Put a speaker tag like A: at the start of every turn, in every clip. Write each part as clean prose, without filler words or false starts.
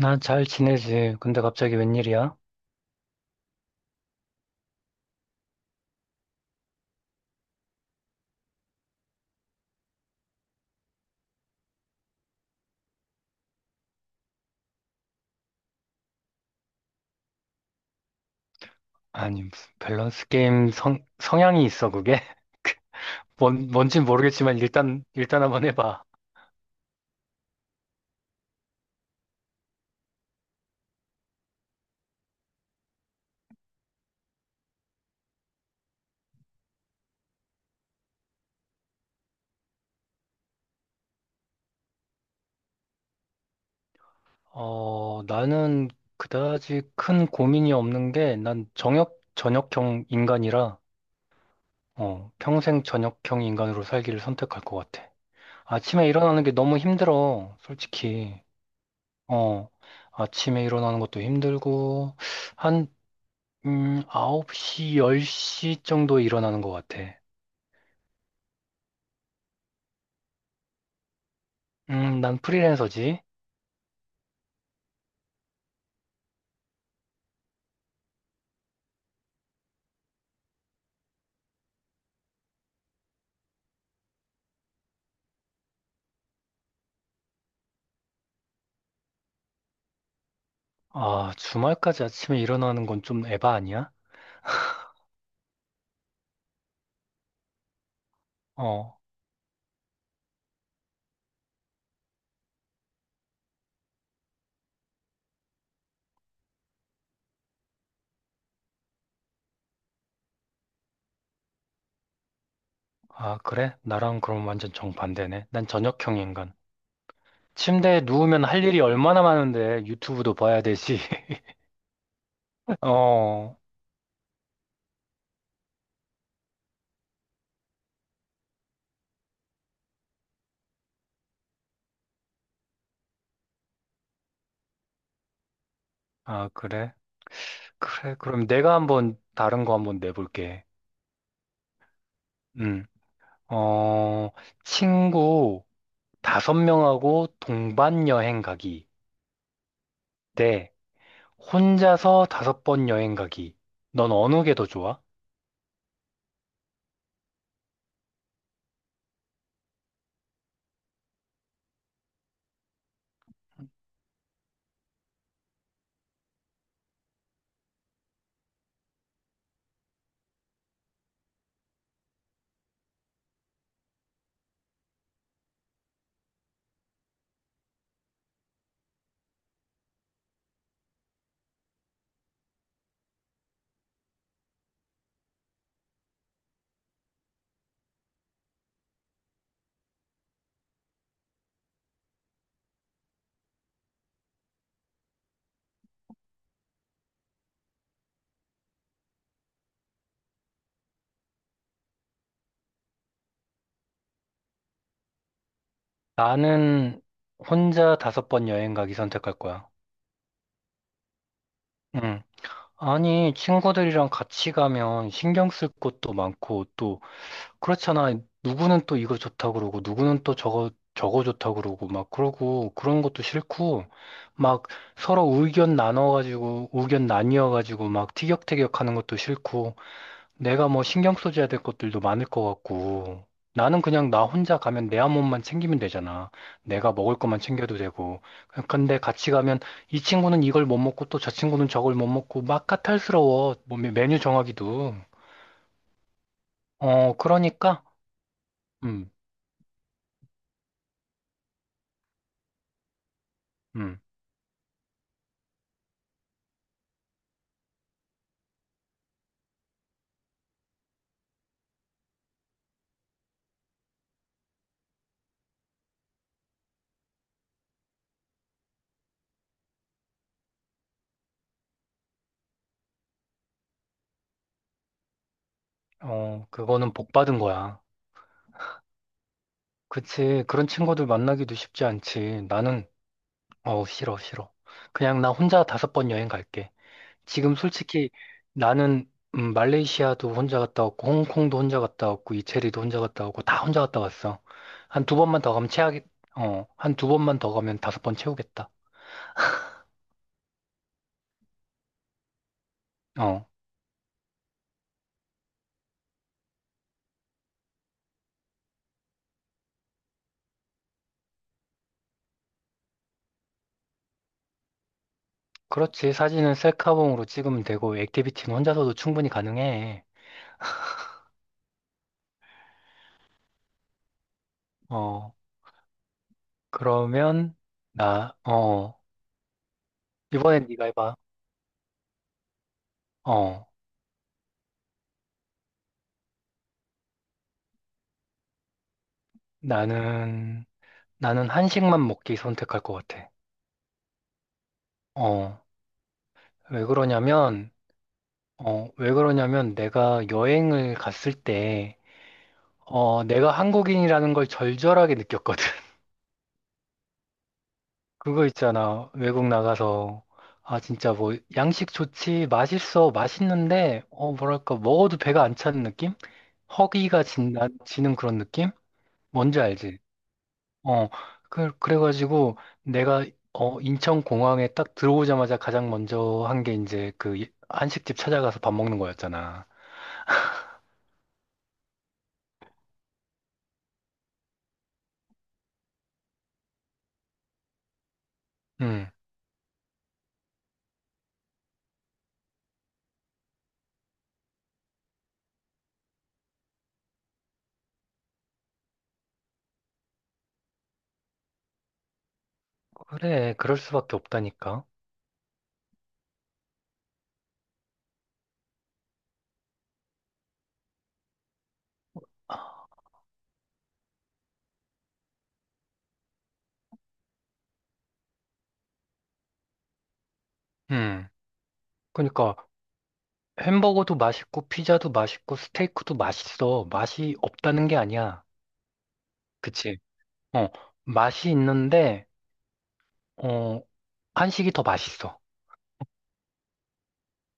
A: 난 잘 지내지. 근데 갑자기 웬일이야? 아니, 무슨 밸런스 게임 성향이 있어, 그게? 뭔진 모르겠지만 일단 한번 해봐. 나는 그다지 큰 고민이 없는 게 난 저녁형 인간이라, 평생 저녁형 인간으로 살기를 선택할 것 같아. 아침에 일어나는 게 너무 힘들어, 솔직히. 어. 아침에 일어나는 것도 힘들고, 한, 9시, 10시 정도에 일어나는 것 같아. 난 프리랜서지. 아, 주말까지 아침에 일어나는 건 좀 에바 아니야? 어, 아, 그래? 나랑 그럼 완전 정반대네. 난 저녁형 인간. 침대에 누우면 할 일이 얼마나 많은데 유튜브도 봐야 되지. 어, 아, 그래? 그래, 그럼 내가 한번 다른 거 한번 내볼게. 음, 어, 친구 다섯 명하고 동반 여행 가기. 네, 혼자서 다섯 번 여행 가기. 넌 어느 게 더 좋아? 나는 혼자 다섯 번 여행 가기 선택할 거야. 응. 아니, 친구들이랑 같이 가면 신경 쓸 것도 많고, 또, 그렇잖아. 누구는 또 이거 좋다 그러고, 누구는 또 저거 좋다 그러고, 막 그러고, 그런 것도 싫고, 막 서로 의견 나눠가지고, 의견 나뉘어가지고, 막 티격태격 하는 것도 싫고, 내가 뭐 신경 써줘야 될 것들도 많을 것 같고, 나는 그냥 나 혼자 가면 내 한 몸만 챙기면 되잖아. 내가 먹을 것만 챙겨도 되고. 근데 같이 가면 이 친구는 이걸 못 먹고 또 저 친구는 저걸 못 먹고 막 까탈스러워. 뭐 메뉴 정하기도. 그러니까. 음. 음. 어, 그거는 복 받은 거야. 그치. 그런 친구들 만나기도 쉽지 않지. 나는, 싫어, 싫어. 그냥 나 혼자 다섯 번 여행 갈게. 지금 솔직히 나는 말레이시아도 혼자 갔다 왔고 홍콩도 혼자 갔다 왔고 이태리도 혼자 갔다 왔고 다 혼자 갔다 왔어. 한 두 번만 더 가면 채하겠 한 두 번만 더 가면 다섯 번 채우겠다. 어. 그렇지. 사진은 셀카봉으로 찍으면 되고 액티비티는 혼자서도 충분히 가능해. 어. 그러면 나 어, 이번엔 네가 해 봐. 어. 나는 나는 한식만 먹기 선택할 것 같아. 어. 왜 그러냐면 왜 그러냐면 내가 여행을 갔을 때, 내가 한국인이라는 걸 절절하게 느꼈거든. 그거 있잖아. 외국 나가서. 아, 진짜 뭐, 양식 좋지, 맛있어, 맛있는데, 뭐랄까, 먹어도 배가 안 차는 느낌? 허기가 지는 그런 느낌? 뭔지 알지? 어, 그래가지고 내가, 인천공항에 딱 들어오자마자 가장 먼저 한 게 이제 그 한식집 찾아가서 밥 먹는 거였잖아. 음, 그래, 그럴 수밖에 없다니까. 음. 그러니까 햄버거도 맛있고 피자도 맛있고 스테이크도 맛있어. 맛이 없다는 게 아니야. 그치? 어. 맛이 있는데 어, 한식이 더 맛있어.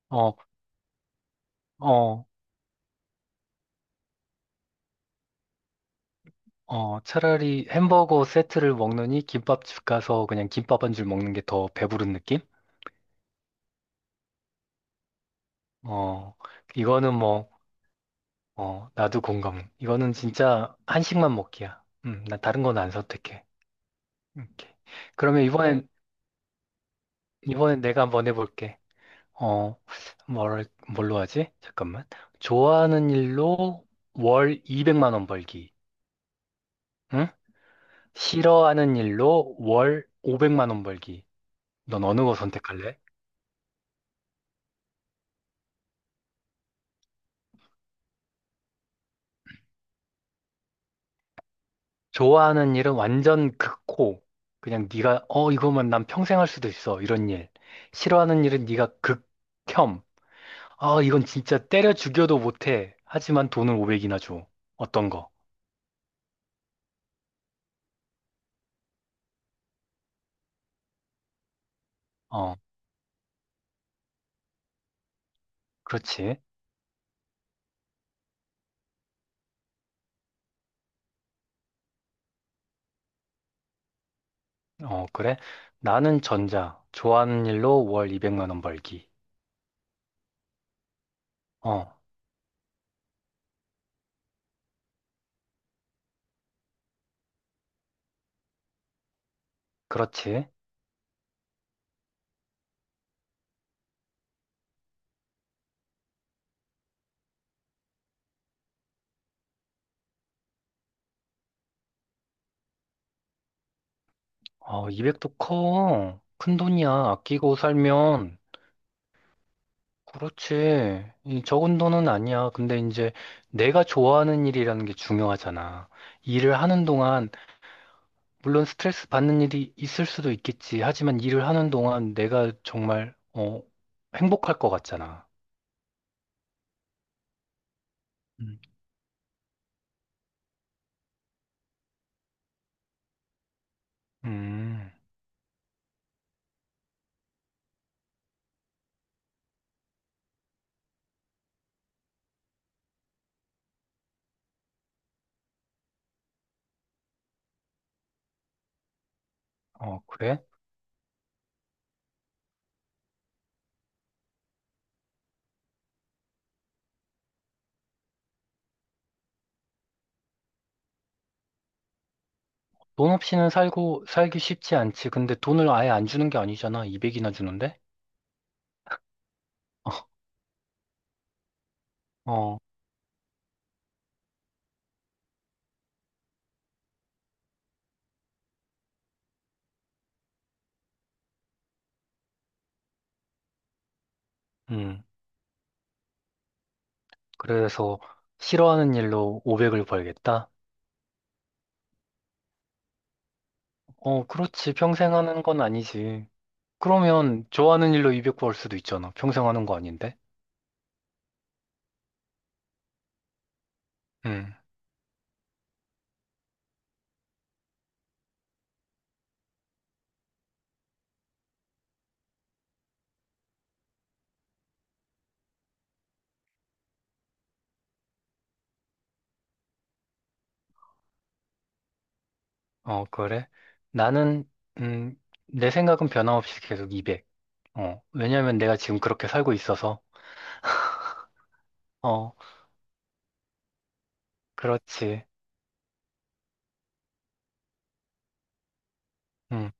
A: 어, 어, 어. 차라리 햄버거 세트를 먹느니 김밥집 가서 그냥 김밥 한 줄 먹는 게 더 배부른 느낌? 어. 이거는 뭐 나도 공감. 이거는 진짜 한식만 먹기야. 나 다른 건 안 선택해. 이렇게. 그러면 이번엔 내가 한번 해볼게. 어, 뭘, 뭘로 하지? 잠깐만. 좋아하는 일로 월 200만 원 벌기. 응? 싫어하는 일로 월 500만 원 벌기. 넌 어느 거 선택할래? 좋아하는 일은 완전 극호. 그냥 네가 이거면 난 평생 할 수도 있어. 이런 일. 싫어하는 일은 네가 극혐. 아, 이건 진짜 때려 죽여도 못해. 하지만 돈을 500이나 줘. 어떤 거? 어, 그렇지. 어, 그래? 나는 전자. 좋아하는 일로 월 200만 원 벌기. 어, 그렇지. 어, 200도 커. 큰 돈이야. 아끼고 살면. 그렇지. 이 적은 돈은 아니야. 근데 이제 내가 좋아하는 일이라는 게 중요하잖아. 일을 하는 동안, 물론 스트레스 받는 일이 있을 수도 있겠지. 하지만 일을 하는 동안 내가 정말, 행복할 것 같잖아. 음. 음. 어, 그래? 돈 없이는 살기 쉽지 않지. 근데 돈을 아예 안 주는 게 아니잖아. 200이나 주는데? 어. 음. 그래서 싫어하는 일로 500을 벌겠다? 어, 그렇지. 평생 하는 건 아니지. 그러면 좋아하는 일로 200 벌 수도 있잖아. 평생 하는 거 아닌데? 음. 어, 그래? 나는, 음, 내 생각은 변함없이 계속 200. 왜냐면 내가 지금 그렇게 살고 있어서. 어, 그렇지. 음.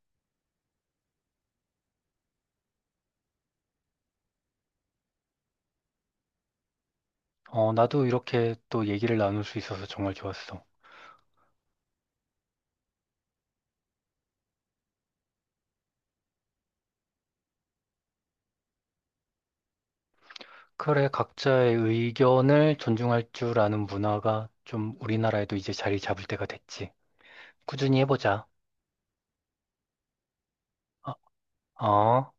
A: 나도 이렇게 또 얘기를 나눌 수 있어서 정말 좋았어. 그래, 각자의 의견을 존중할 줄 아는 문화가 좀 우리나라에도 이제 자리 잡을 때가 됐지. 꾸준히 해보자. 어, 어.